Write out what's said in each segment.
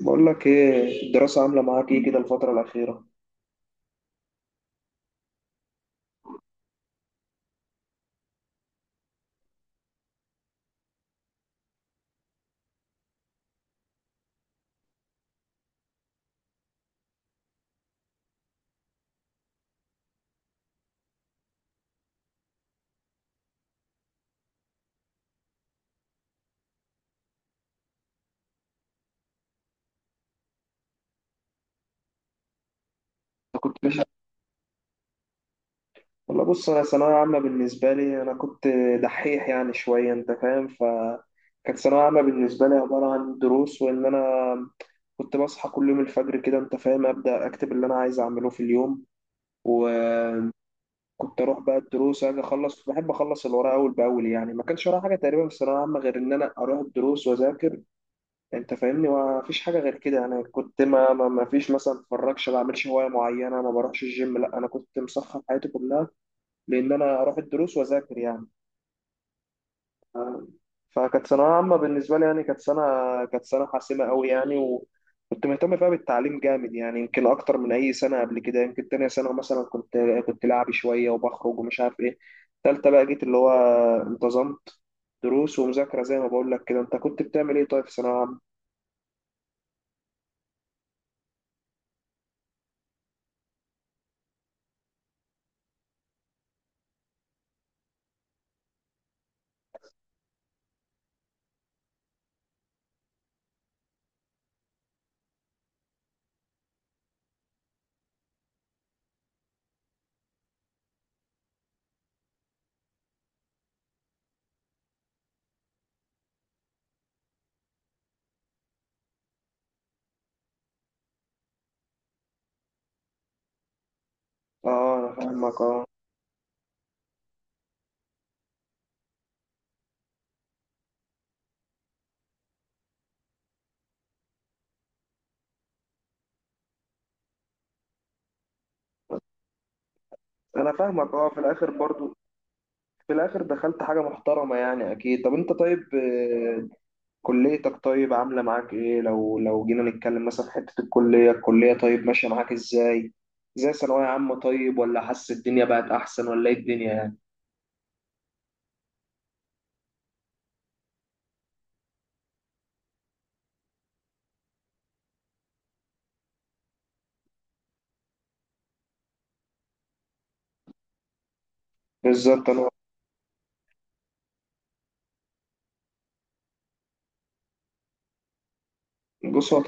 بقول لك ايه الدراسة عاملة معاك ايه كده الفترة الأخيرة؟ أنت كنت مش، والله بص، أنا ثانوية عامة بالنسبة لي أنا كنت دحيح يعني شوية، أنت فاهم. فكانت ثانوية عامة بالنسبة لي عبارة عن دروس، وإن أنا كنت بصحى كل يوم الفجر كده، أنت فاهم، أبدأ أكتب اللي أنا عايز أعمله في اليوم، وكنت أروح بقى الدروس، أجي أخلص، بحب أخلص الوراء أول بأول. يعني ما كانش ورايا حاجة تقريبا في الثانوية عامة غير إن أنا أروح الدروس وأذاكر. انت فاهمني، ما فيش حاجه غير كده. انا كنت ما فيش مثلا اتفرجش، ما بعملش هوايه معينه، ما بروحش الجيم، لا، انا كنت مسخر حياتي كلها لان انا اروح الدروس واذاكر يعني. ف- فكانت ثانويه عامه بالنسبه لي يعني كانت سنه حاسمه قوي يعني، وكنت مهتم فيها بالتعليم جامد يعني، يمكن اكتر من اي سنه قبل كده. يمكن تانية سنه مثلا كنت لعبي شويه وبخرج ومش عارف ايه. تالتة بقى جيت اللي هو انتظمت، دروس ومذاكره. زي ما بقول لك كده، انت كنت بتعمل ايه طيب في ثانويه عامه؟ اه انا فاهمك اه. انا فاهمك اه، في الاخر برضو في الاخر دخلت حاجه محترمه يعني، اكيد. طب انت طيب، آه، كليتك طيب عامله معاك ايه؟ لو لو جينا نتكلم مثلا في حته الكليه، الكليه طيب ماشيه معاك ازاي؟ زي ثانويه عامه طيب، ولا حاسس الدنيا بقت احسن، ولا ايه الدنيا يعني؟ بالظبط انا. بص، هو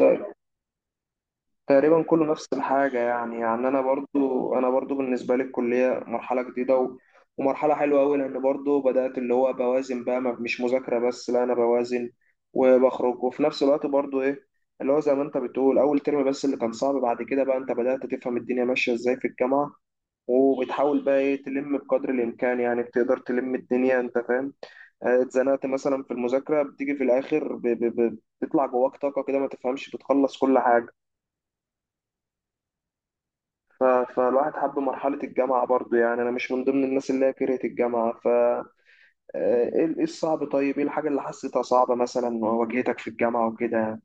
تقريبا كله نفس الحاجة يعني. يعني أنا برضو بالنسبة لي الكلية مرحلة جديدة و... ومرحلة حلوة أوي، لأن برضو بدأت اللي هو بوازن بقى، مش مذاكرة بس لا، أنا بوازن وبخرج، وفي نفس الوقت برضو إيه، اللي هو زي ما أنت بتقول، أول ترم بس اللي كان صعب. بعد كده بقى أنت بدأت تفهم الدنيا ماشية إزاي في الجامعة، وبتحاول بقى إيه، تلم بقدر الإمكان يعني، بتقدر تلم الدنيا أنت فاهم. آه، اتزنقت مثلا في المذاكرة، بتيجي في الآخر بيطلع جواك طاقة كده ما تفهمش، بتخلص كل حاجة. فالواحد حب مرحلة الجامعة برضو يعني، أنا مش من ضمن الناس اللي هي كرهت الجامعة. ف آه، إيه إيه الصعب طيب؟ إيه الحاجة اللي حسيتها صعبة مثلا واجهتك في الجامعة وكده؟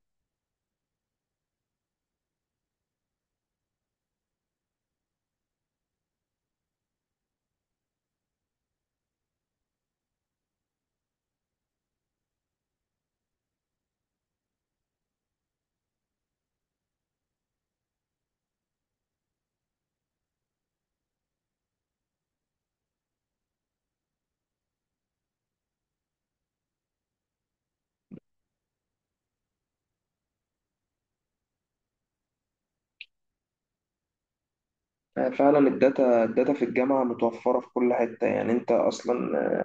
يعني فعلا الداتا في الجامعة متوفرة في كل حتة يعني، أنت أصلا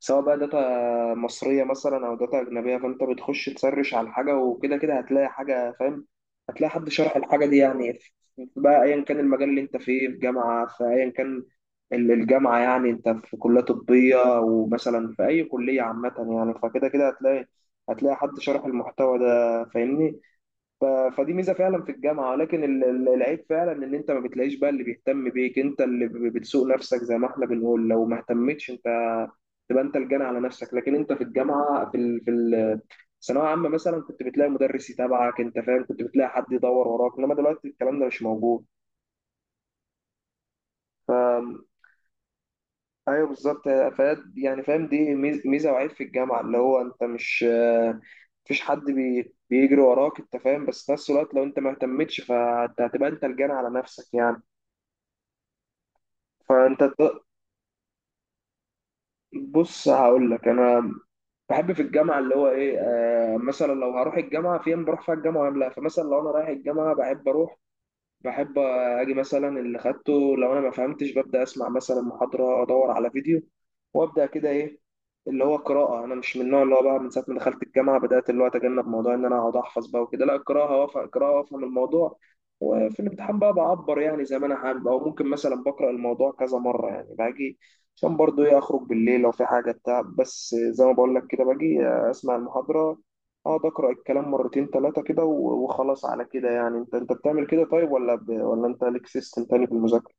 سواء بقى داتا مصرية مثلا أو داتا أجنبية، فأنت بتخش تسرش على حاجة، وكده كده هتلاقي حاجة، فاهم؟ هتلاقي حد شرح الحاجة دي يعني بقى، أيا كان المجال اللي أنت فيه في جامعة، في أيا كان الجامعة، يعني أنت في كلية طبية ومثلا في أي كلية عامة يعني، فكده كده هتلاقي، هتلاقي حد شرح المحتوى ده، فاهمني؟ ف- فدي ميزه فعلا في الجامعه. لكن العيب فعلا ان انت ما بتلاقيش بقى اللي بيهتم بيك، انت اللي بتسوق نفسك زي ما احنا بنقول. لو ما اهتمتش انت، تبقى انت الجنى على نفسك. لكن انت في الجامعه الثانويه عامه مثلا كنت بتلاقي مدرس يتابعك، انت فاهم، كنت بتلاقي حد يدور وراك، انما دلوقتي الكلام ده مش موجود. ايوه بالظبط. يعني فاهم، دي ميزه وعيب في الجامعه، اللي هو انت مش آه، مفيش حد بيجري وراك انت فاهم، بس في نفس الوقت لو انت ما اهتمتش فانت هتبقى انت الجان على نفسك يعني. فانت بص، هقول لك انا بحب في الجامعه اللي هو ايه، آه مثلا لو هروح الجامعه، في ايام بروح فيها الجامعه ولا لا. فمثلا لو انا رايح الجامعه بحب اروح، بحب اجي مثلا اللي خدته، لو انا ما فهمتش ببدا اسمع مثلا محاضره، ادور على فيديو، وابدا كده ايه، اللي هو قراءه. انا مش من النوع اللي هو بقى، من ساعه ما دخلت الجامعه بدات اللي هو اتجنب موضوع ان انا اقعد احفظ بقى وكده، لا، القراءه وافهم، قراءه وافهم الموضوع، وفي الامتحان بقى بعبر يعني زي ما انا حابب. او ممكن مثلا بقرا الموضوع كذا مره يعني، باجي عشان برضو ايه اخرج بالليل لو في حاجه بتاع، بس زي ما بقول لك كده، باجي اسمع المحاضره، اقعد اقرا الكلام مرتين ثلاثه كده، وخلاص على كده يعني. انت انت بتعمل كده طيب ولا ولا انت ليك سيستم تاني في المذاكره؟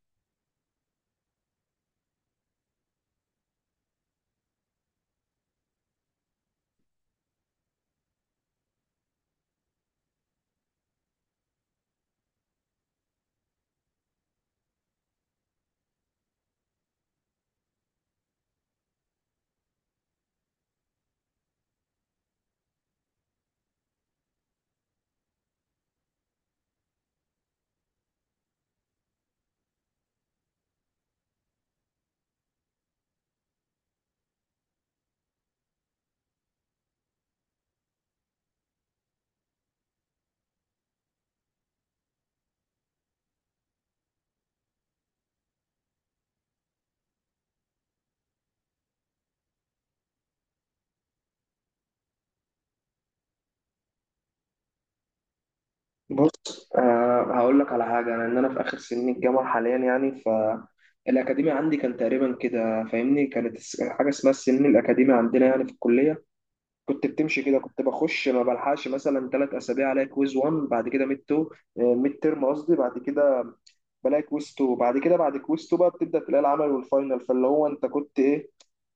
بص آه، هقول لك على حاجه. انا ان انا في اخر سنين الجامعه حاليا يعني، ف الاكاديمي عندي كان تقريبا كده، فاهمني، كانت حاجه اسمها السنين الاكاديمي عندنا يعني في الكليه. كنت بتمشي كده، كنت بخش ما بلحقش مثلا ثلاث اسابيع، الاقي كويز 1، بعد كده ميد 2، ميد ترم قصدي، بعد كده بلاقي كويز 2، بعد كده بعد كويز 2 بقى بتبدا تلاقي العمل والفاينل. فاللي هو انت كنت ايه،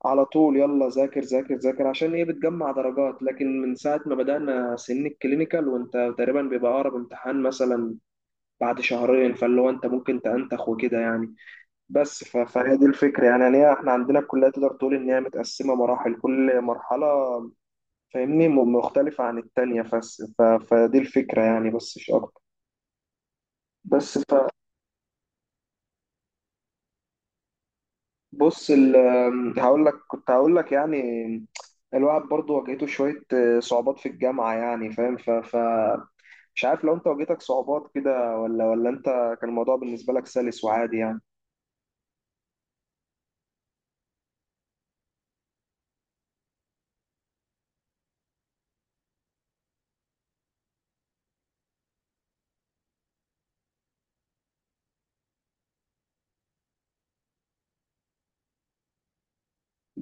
على طول يلا ذاكر ذاكر ذاكر عشان ايه بتجمع درجات. لكن من ساعه ما بدانا سن الكلينيكال وانت تقريبا بيبقى اقرب امتحان مثلا بعد شهرين، فاللي هو انت ممكن تنتخ وكده يعني. بس فهي دي الفكره يعني، يعني إيه؟ احنا عندنا الكليه تقدر تقول ان هي متقسمه مراحل، كل مرحله فاهمني مختلفة عن التانية. فدي الفكرة يعني، بس مش أكتر. بس، فبص هقول لك، كنت هقول لك يعني، الواحد برضو واجهته شوية صعوبات في الجامعة يعني، فاهم، مش عارف لو انت واجهتك صعوبات كده ولا انت كان الموضوع بالنسبة لك سلس وعادي يعني؟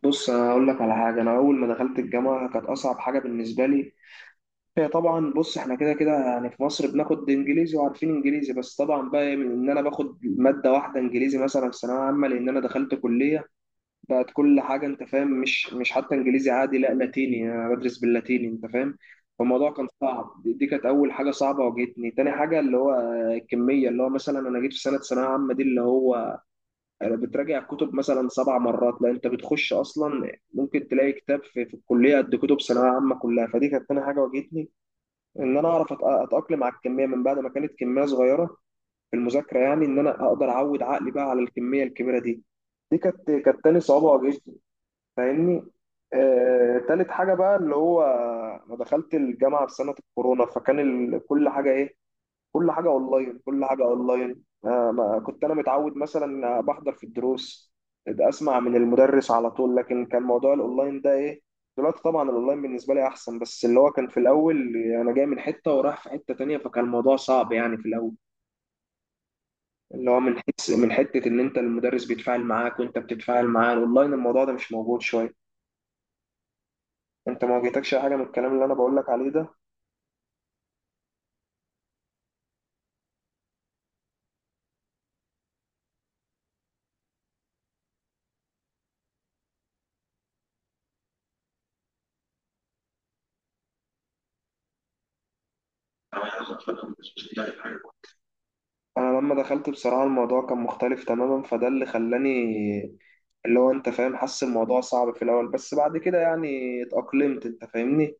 بص انا اقول لك على حاجة، انا اول ما دخلت الجامعة كانت اصعب حاجة بالنسبة لي هي، طبعا بص احنا كده كده يعني في مصر بناخد انجليزي، وعارفين انجليزي، بس طبعا بقى من ان انا باخد ماده واحده انجليزي مثلا في ثانويه عامه، لان انا دخلت كليه بقت كل حاجه، انت فاهم، مش مش حتى انجليزي عادي، لا، لاتيني، انا بدرس باللاتيني انت فاهم. فالموضوع كان صعب، دي كانت اول حاجه صعبه واجهتني. تاني حاجه اللي هو الكميه، اللي هو مثلا انا جيت في سنه ثانويه عامه دي اللي هو بتراجع الكتب مثلا سبع مرات، لا، انت بتخش اصلا ممكن تلاقي كتاب في، في الكليه قد كتب ثانويه عامه كلها. فدي كانت تاني حاجه واجهتني، ان انا اعرف اتاقلم على الكميه من بعد ما كانت كميه صغيره في المذاكره، يعني ان انا اقدر اعود عقلي بقى على الكميه الكبيره دي. دي كانت تاني صعوبه واجهتني، فاهمني. آه، تالت حاجه بقى اللي هو انا دخلت الجامعه في سنه الكورونا، فكان كل حاجه ايه، كل حاجة أونلاين. آه، ما كنت أنا متعود، مثلا بحضر في الدروس ده أسمع من المدرس على طول، لكن كان موضوع الأونلاين ده إيه، دلوقتي طبعا الأونلاين بالنسبة لي أحسن، بس اللي هو كان في الأول أنا جاي من حتة ورايح في حتة تانية، فكان الموضوع صعب يعني في الأول، اللي هو من حس من حتة إن أنت المدرس بيتفاعل معاك وأنت بتتفاعل معاه، الأونلاين الموضوع ده مش موجود شوية. أنت ما واجهتكش أي حاجة من الكلام اللي أنا بقول لك عليه ده؟ انا لما دخلت بصراحه الموضوع كان مختلف تماما، فده اللي خلاني اللي هو انت فاهم حاسس الموضوع صعب في الاول، بس بعد كده يعني اتأقلمت انت فاهمني.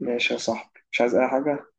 ماشي يا صاحبي، مش عايز اي حاجة.